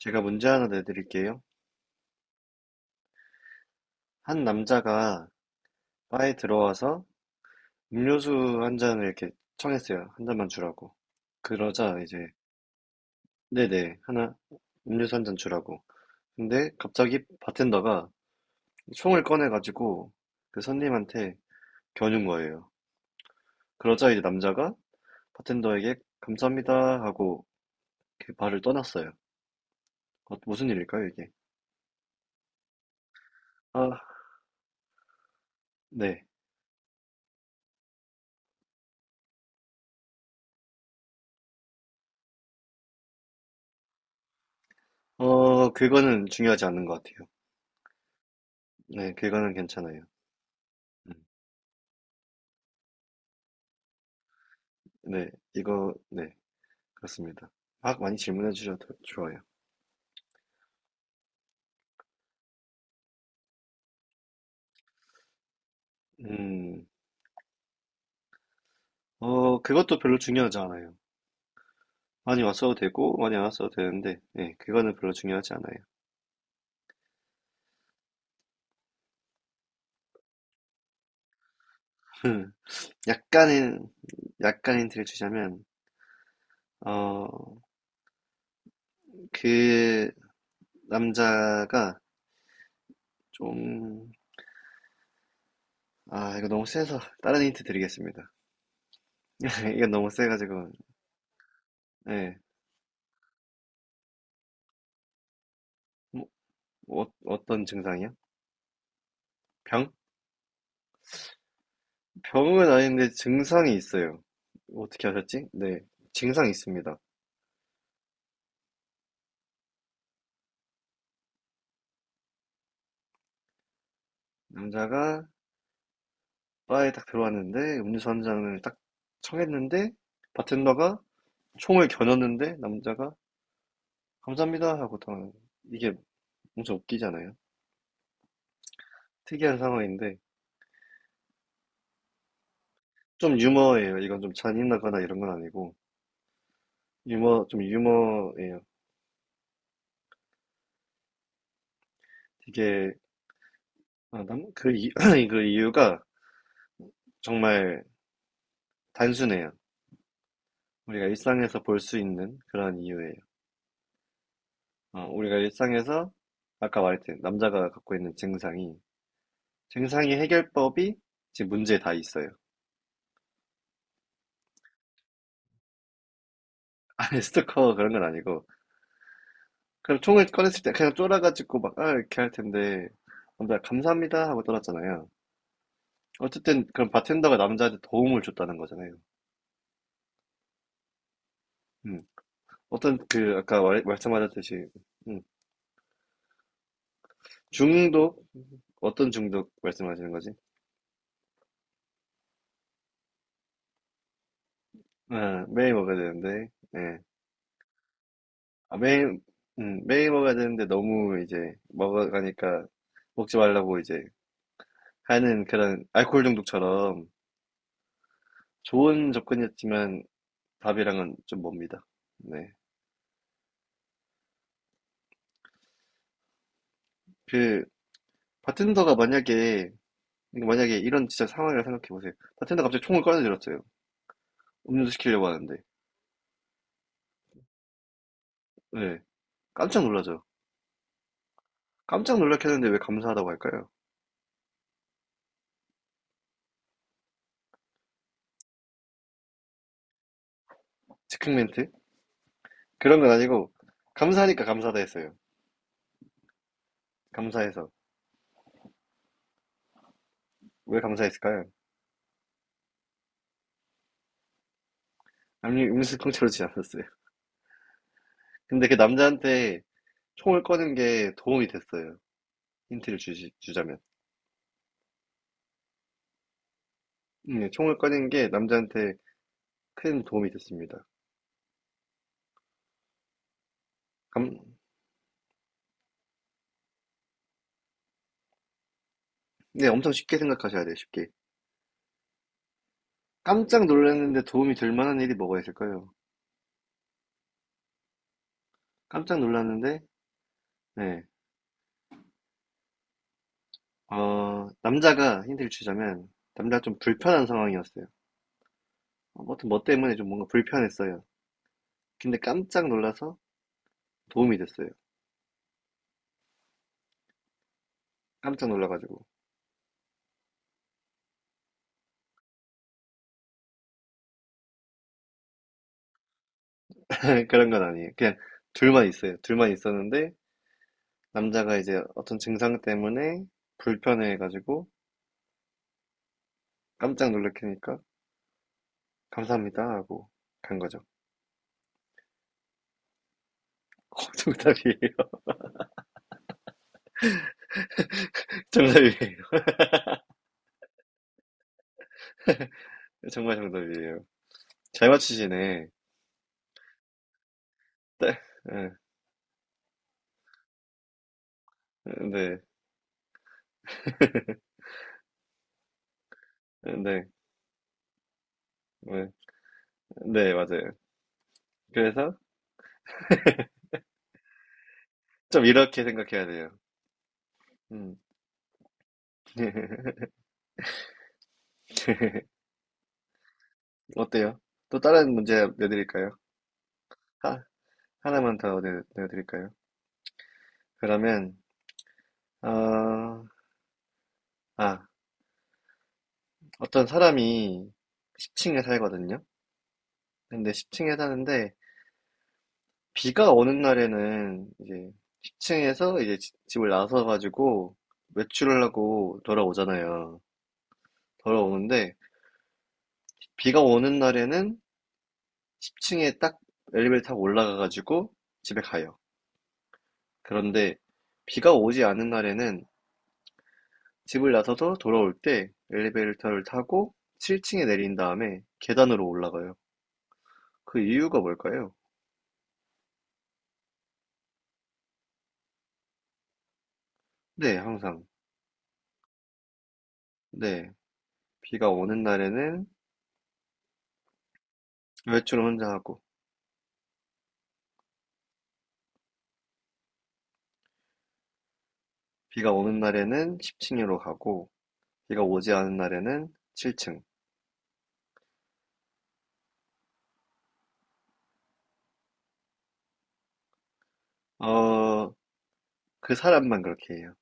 제가 문제 하나 내드릴게요. 한 남자가 바에 들어와서 음료수 한 잔을 이렇게 청했어요. 한 잔만 주라고. 그러자 이제 네네 하나 음료수 한 잔 주라고. 근데 갑자기 바텐더가 총을 꺼내가지고 그 손님한테 겨눈 거예요. 그러자 이제 남자가 바텐더에게 감사합니다 하고 그 바를 떠났어요. 무슨 일일까요, 이게? 아, 네. 그거는 중요하지 않은 것 같아요. 네, 그거는 괜찮아요. 음. 네, 이거, 네. 그렇습니다. 막 많이 질문해 주셔도 좋아요. 음, 그것도 별로 중요하지 않아요. 많이 왔어도 되고, 많이 안 왔어도 되는데, 예, 그거는 별로 중요하지 않아요. 약간의, 약간 힌트를 주자면, 어, 그 남자가 좀, 아, 이거 너무 세서, 다른 힌트 드리겠습니다. 이건 너무 세가지고, 예. 뭐, 어떤 증상이요? 병? 병은 아닌데 증상이 있어요. 어떻게 하셨지? 네, 증상이 있습니다. 남자가 바에 딱 들어왔는데 음료수 한 잔을 딱 청했는데 바텐더가 총을 겨눴는데 남자가 감사합니다 하고 당하는 이게 엄청 웃기잖아요. 특이한 상황인데 좀 유머예요. 이건 좀 잔인하거나 이런 건 아니고 유머 좀 유머예요. 이게 아, 남- 그, 이, 그 이유가 정말 단순해요. 우리가 일상에서 볼 수 있는 그런 이유예요. 우리가 일상에서 아까 말했듯 남자가 갖고 있는 증상이 증상의 해결법이 지금 문제에 다 있어요. 아니, 스토커 그런 건 아니고. 그럼 총을 꺼냈을 때 그냥 쫄아가지고 막, 이렇게 할 텐데. 남자 감사합니다 하고 떨었잖아요. 어쨌든, 그럼 바텐더가 남자한테 도움을 줬다는 거잖아요. 음. 어떤, 아까 말씀하셨듯이, 음. 중독? 어떤 중독 말씀하시는 거지? 아, 매일 먹어야 되는데, 예. 아, 매일, 매일 먹어야 되는데 너무 이제 먹어가니까 먹지 말라고 이제 하는 그런 알코올 중독처럼 좋은 접근이었지만 답이랑은 좀 멉니다. 네. 그 바텐더가 만약에 이거 만약에 이런 진짜 상황이라 생각해 보세요. 바텐더가 갑자기 총을 꺼내들었어요. 음료수 시키려고 하는데. 네. 깜짝 놀라죠. 깜짝 놀랐겠는데 왜 감사하다고 할까요? 즉흥 멘트? 그런 건 아니고 감사하니까 감사하다 했어요. 감사해서. 왜 감사했을까요? 아니, 음료수 통째로 주지 않았어요. 근데 그 남자한테 총을 꺼낸 게 도움이 됐어요. 주자면. 네, 총을 꺼낸 게 남자한테 큰 도움이 됐습니다. 감, 네, 엄청 쉽게 생각하셔야 돼요, 쉽게. 깜짝 놀랐는데 도움이 될 만한 일이 뭐가 있을까요? 깜짝 놀랐는데, 네. 남자가 힌트를 주자면, 남자가 좀 불편한 상황이었어요. 아무튼 뭐 때문에 좀 뭔가 불편했어요. 근데 깜짝 놀라서 도움이 됐어요. 깜짝 놀라가지고. 그런 건 아니에요. 그냥 둘만 있어요. 둘만 있었는데, 남자가 이제 어떤 증상 때문에 불편해가지고 깜짝 놀래키니까 감사합니다 하고 간 거죠. 정답이에요. 정답이에요. 정말 정답이에요. 잘 맞추시네. 네. 예. 네. 네. 네. 네, 네, 맞아요. 그래서 좀 이렇게 생각해야 돼요. 음. 어때요? 또 다른 문제 내드릴까요? 하, 하나만 더 내드릴까요? 그러면, 어, 아, 어떤 사람이 10층에 살거든요? 근데 10층에 사는데, 비가 오는 날에는 이제 10층에서 이제 집을 나서 가지고 외출을 하고 돌아오잖아요. 돌아오는데, 비가 오는 날에는 10층에 딱 엘리베이터 타고 올라가가지고 집에 가요. 그런데 비가 오지 않은 날에는 집을 나서서 돌아올 때 엘리베이터를 타고 7층에 내린 다음에 계단으로 올라가요. 그 이유가 뭘까요? 네, 항상. 네. 비가 오는 날에는 외출을 혼자 하고, 비가 오는 날에는 10층으로 가고, 비가 오지 않은 날에는 7층. 어, 그 사람만 그렇게 해요.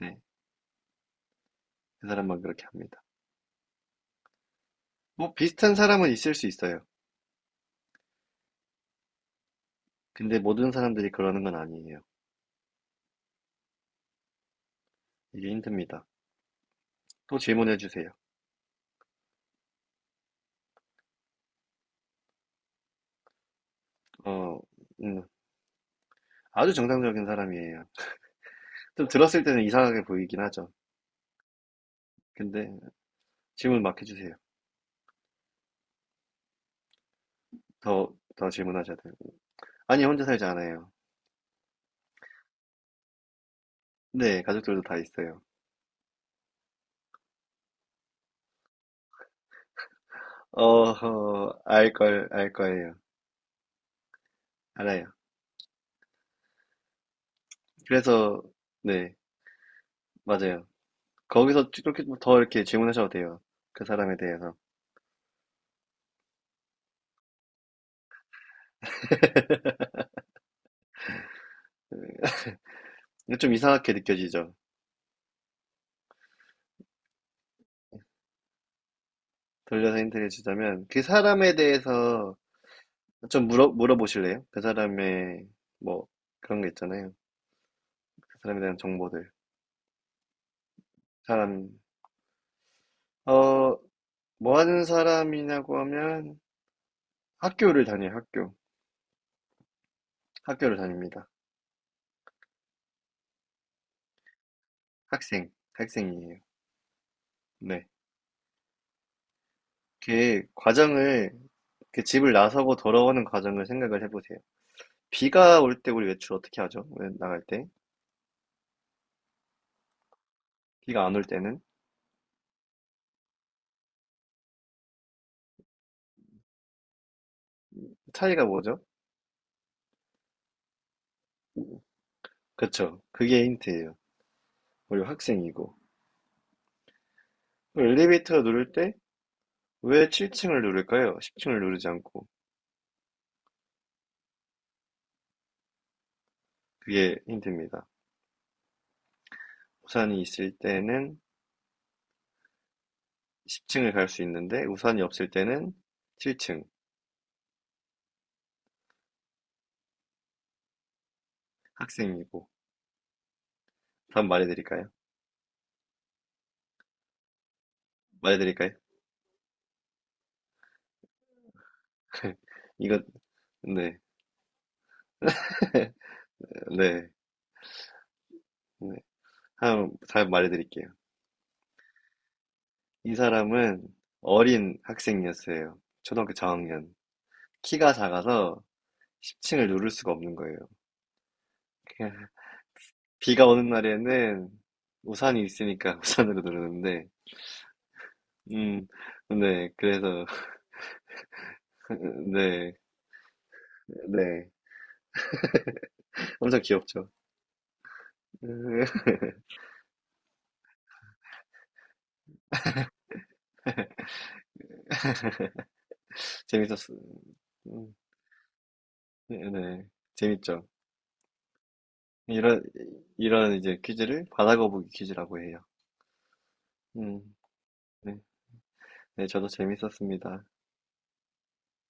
네. 그 사람만 그렇게 합니다. 뭐 비슷한 사람은 있을 수 있어요. 근데 모든 사람들이 그러는 건 아니에요. 이게 힘듭니다. 또 질문해 주세요. 어, 음, 아주 정상적인 사람이에요. 좀 들었을 때는 이상하게 보이긴 하죠. 근데 질문 막 해주세요. 더 질문하셔야 돼요. 아니, 혼자 살지 않아요. 네, 가족들도 다 있어요. 알 거예요. 알아요. 그래서, 네, 맞아요. 거기서 그렇게 더 이렇게 질문하셔도 돼요. 그 사람에 대해서. 근데 좀 이상하게 느껴지죠. 돌려서 힌트를 주자면, 그 사람에 대해서 좀 물어보실래요? 그 사람의, 뭐, 그런 게 있잖아요. 그 사람에 대한 정보들. 사람, 어, 뭐 하는 사람이냐고 하면 학교를 다녀요, 학교. 학교를 다닙니다. 학생이에요. 네. 그 과정을, 그 집을 나서고 돌아오는 과정을 생각을 해보세요. 비가 올 때 우리 외출 어떻게 하죠? 왜 나갈 때? 비가 안 올 때는? 차이가 뭐죠? 그쵸. 그게 힌트예요. 우리 학생이고. 엘리베이터 누를 때 왜 7층을 누를까요? 10층을 누르지 않고. 그게 힌트입니다. 우산이 있을 때는 10층을 갈 수 있는데 우산이 없을 때는 7층 학생이고 답 말해드릴까요? 말해드릴까요? 이거 네, 네, 네. 한번 잘 말해드릴게요. 이 사람은 어린 학생이었어요. 초등학교 저학년. 키가 작아서 10층을 누를 수가 없는 거예요. 비가 오는 날에는 우산이 있으니까 우산으로 누르는데, 음, 네, 그래서, 네, 네. 엄청 귀엽죠. 재밌었어요. 음, 네, 네. 재밌죠. 이런, 이런 이제 퀴즈를 바다거북이 퀴즈라고 해요. 음, 네. 네, 저도 재밌었습니다.